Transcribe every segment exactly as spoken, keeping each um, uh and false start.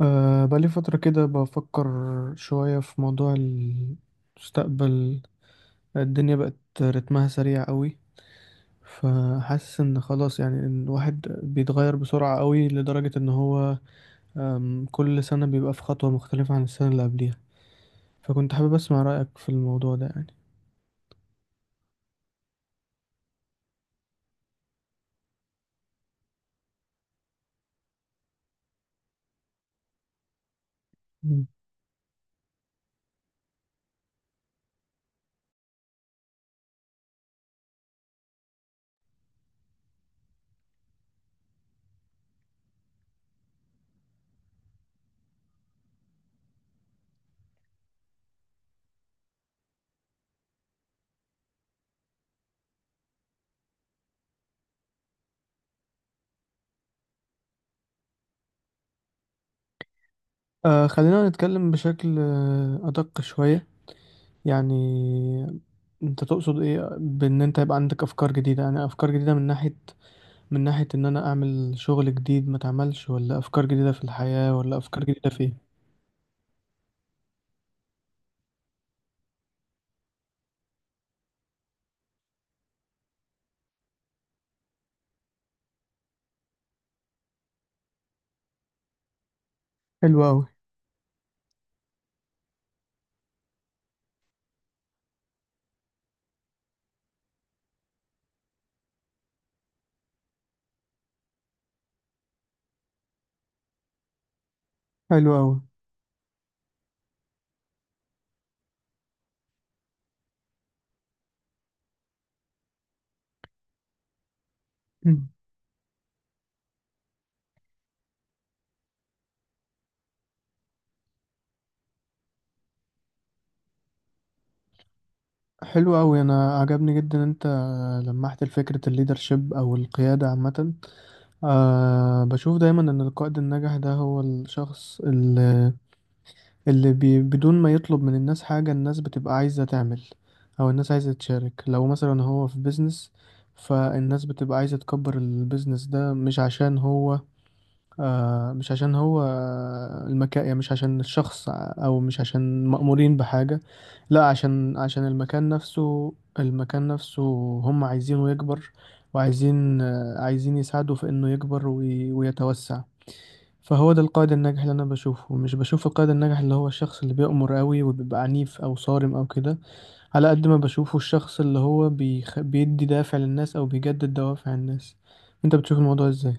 أه بقالي فترة كده بفكر شوية في موضوع المستقبل. الدنيا بقت رتمها سريع قوي، فحاسس ان خلاص، يعني ان الواحد بيتغير بسرعة قوي لدرجة ان هو أم، كل سنة بيبقى في خطوة مختلفة عن السنة اللي قبليها. فكنت حابب اسمع رأيك في الموضوع ده يعني. مم. أه خلينا نتكلم بشكل أه، أدق شوية. يعني انت تقصد ايه بان انت يبقى عندك افكار جديدة؟ يعني افكار جديدة من ناحية من ناحية إن أنا أعمل شغل جديد ما اتعملش، ولا أفكار جديدة في الحياة، ولا أفكار جديدة في إيه؟ حلو أوي. حلو أوي. مم. حلو أوي، أنا عجبني جدا أنت لمحت فكرة الليدرشيب أو القيادة عامة. أه بشوف دايما إن القائد الناجح ده هو الشخص اللي, اللي بي بدون ما يطلب من الناس حاجة، الناس بتبقى عايزة تعمل، أو الناس عايزة تشارك. لو مثلا هو في بيزنس، فالناس بتبقى عايزة تكبر البيزنس ده، مش عشان هو، آه، مش عشان هو المكان، يعني مش عشان الشخص، او مش عشان مأمورين بحاجة، لا عشان عشان المكان نفسه. المكان نفسه هم عايزينه يكبر، وعايزين آه، عايزين يساعدوا في انه يكبر وي- ويتوسع. فهو ده القائد الناجح اللي انا بشوفه، مش بشوف القائد الناجح اللي هو الشخص اللي بيأمر قوي وبيبقى عنيف او صارم او كده. على قد ما بشوفه الشخص اللي هو بيخ... بيدي دافع للناس او بيجدد دوافع الناس. انت بتشوف الموضوع ازاي؟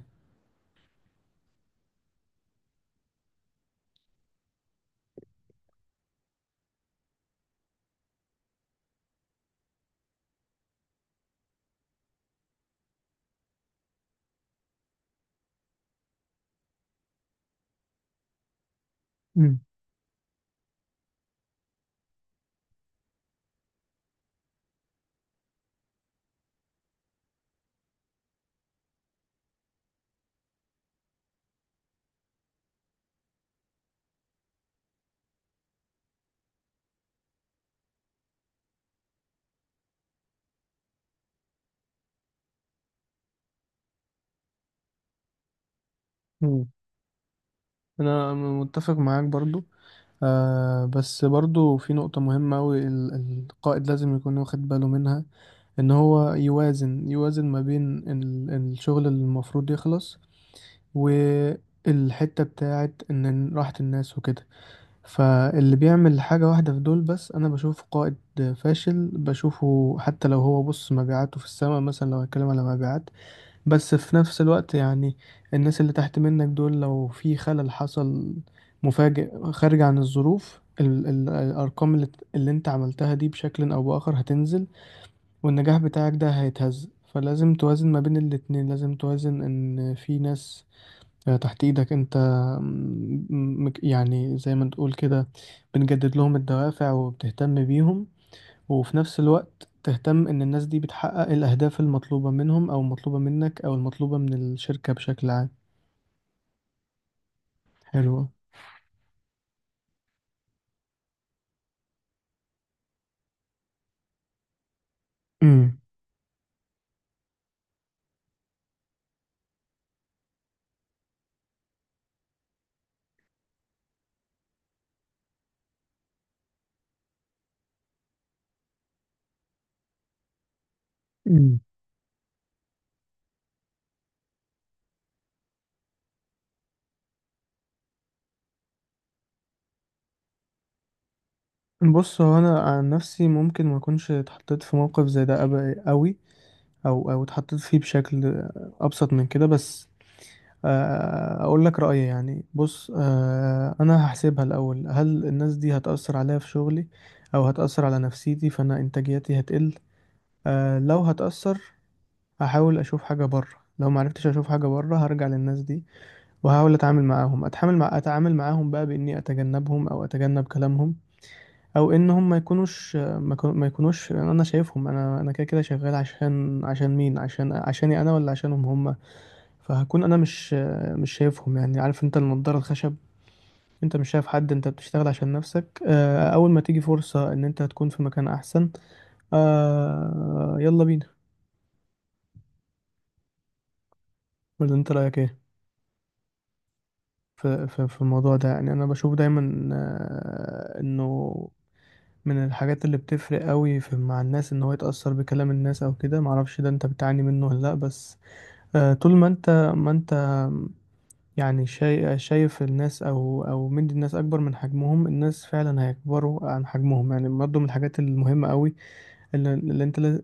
مم. انا متفق معاك برضو. آه بس برضو في نقطة مهمة أوي، ال- القائد لازم يكون واخد باله منها، ان هو يوازن يوازن ما بين ال- الشغل اللي المفروض يخلص والحتة بتاعت ان راحة الناس وكده. فاللي بيعمل حاجة واحدة في دول بس انا بشوف قائد فاشل بشوفه، حتى لو هو بص مبيعاته في السماء، مثلا لو هتكلم على مبيعات. بس في نفس الوقت، يعني الناس اللي تحت منك دول لو في خلل حصل مفاجئ خارج عن الظروف، ال ال الأرقام اللي, اللي انت عملتها دي بشكل أو بآخر هتنزل، والنجاح بتاعك ده هيتهز. فلازم توازن ما بين الاتنين، لازم توازن إن في ناس آه، تحت إيدك انت، م- م- يعني زي ما تقول كده بنجدد لهم الدوافع وبتهتم بيهم، وفي نفس الوقت تهتم إن الناس دي بتحقق الأهداف المطلوبة منهم أو المطلوبة منك أو المطلوبة من الشركة بشكل عام. حلوة. أمم. أمم. بص، هو أنا عن نفسي ممكن ما أكونش اتحطيت في موقف زي ده أب- أوي، أو أو اتحطيت فيه بشكل أبسط من كده. بس آه، أقول لك رأيي، يعني بص، آه، أنا هحسبها الأول: هل الناس دي هتأثر عليا في شغلي، أو هتأثر على نفسيتي فأنا إنتاجيتي هتقل؟ آه، لو هتأثر هحاول اشوف حاجه بره. لو ما عرفتش اشوف حاجه بره هرجع للناس دي، وهحاول اتعامل معاهم اتعامل مع اتعامل معاهم بقى، باني اتجنبهم او اتجنب كلامهم، او ان هم ما يكونوش ما يكون- ما يكونوش انا شايفهم. انا انا كده كده شغال عشان عشان مين؟ عشان عشاني انا، ولا عشانهم هم؟ فهكون انا مش مش شايفهم. يعني عارف انت النضاره الخشب؟ انت مش شايف حد، انت بتشتغل عشان نفسك. آه، اول ما تيجي فرصه ان انت تكون في مكان احسن، آه، يلا بينا. ولا انت رايك ايه في في في الموضوع ده؟ يعني انا بشوف دايما آه، انه من الحاجات اللي بتفرق قوي في مع الناس ان هو يتأثر بكلام الناس او كده. معرفش ده انت بتعاني منه ولا لا، بس آه، طول ما انت ما انت يعني شاي- شايف الناس او او مدي الناس اكبر من حجمهم، الناس فعلا هيكبروا عن حجمهم. يعني برضه من الحاجات المهمة قوي اللي, اللي انت لازم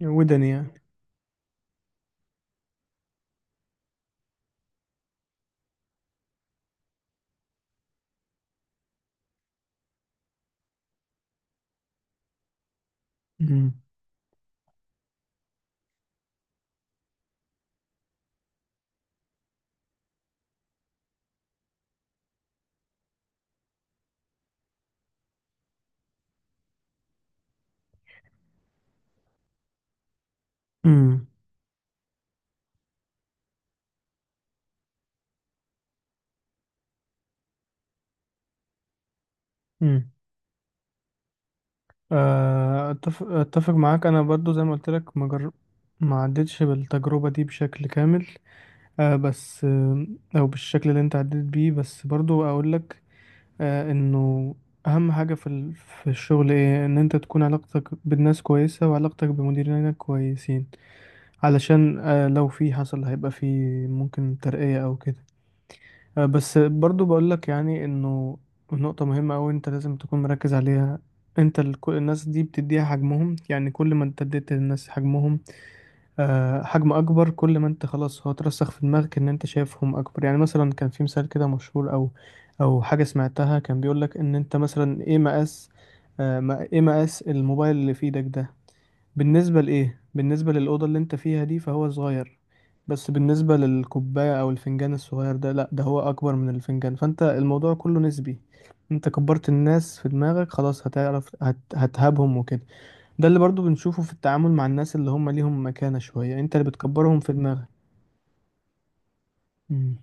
ودني يعني. مم. مم. مم. آه، أتفق أتفق معاك. أنا برضو زي ما قلت لك، ما جر... ما عدتش بالتجربة دي بشكل كامل، آه بس آه أو بالشكل اللي أنت عديت بيه. بس برضو أقول لك آه إنه أهم حاجة في ال... في الشغل إيه، إن أنت تكون علاقتك بالناس كويسة وعلاقتك بمديرينك كويسين، علشان آه لو في حصل هيبقى في ممكن ترقية أو كده. آه، بس برضو بقول لك، يعني انه نقطة مهمة أوي انت لازم تكون مركز عليها. انت ال- كل الناس دي بتديها حجمهم، يعني كل ما انت اديت للناس حجمهم آه، حجم اكبر، كل ما انت خلاص هو ترسخ في دماغك ان انت شايفهم اكبر. يعني مثلا كان في مثال كده مشهور او او حاجة سمعتها، كان بيقول لك ان انت مثلا ايه مقاس آه، ما- ايه مقاس الموبايل اللي في ايدك ده بالنسبة لإيه؟ بالنسبة للأوضة اللي أنت فيها دي فهو صغير، بس بالنسبة للكوباية أو الفنجان الصغير ده لأ، ده هو أكبر من الفنجان. فأنت الموضوع كله نسبي، أنت كبرت الناس في دماغك خلاص هتعرف هت... هتهابهم وكده. ده اللي برضو بنشوفه في التعامل مع الناس اللي هم ليهم مكانة شوية، أنت اللي بتكبرهم في دماغك. مم.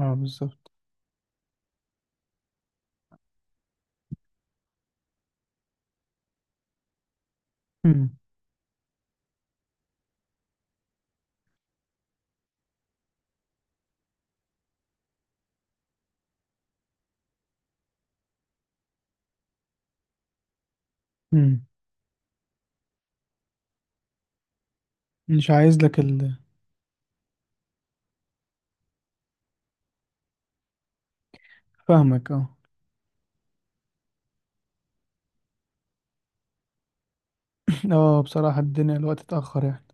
اه، بالظبط. مم. مم. مش عايز لك ال... فاهمك اه. اه، بصراحة الدنيا الوقت اتأخر يعني.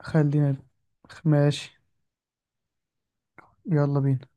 خلينا. ماشي. يلا بينا.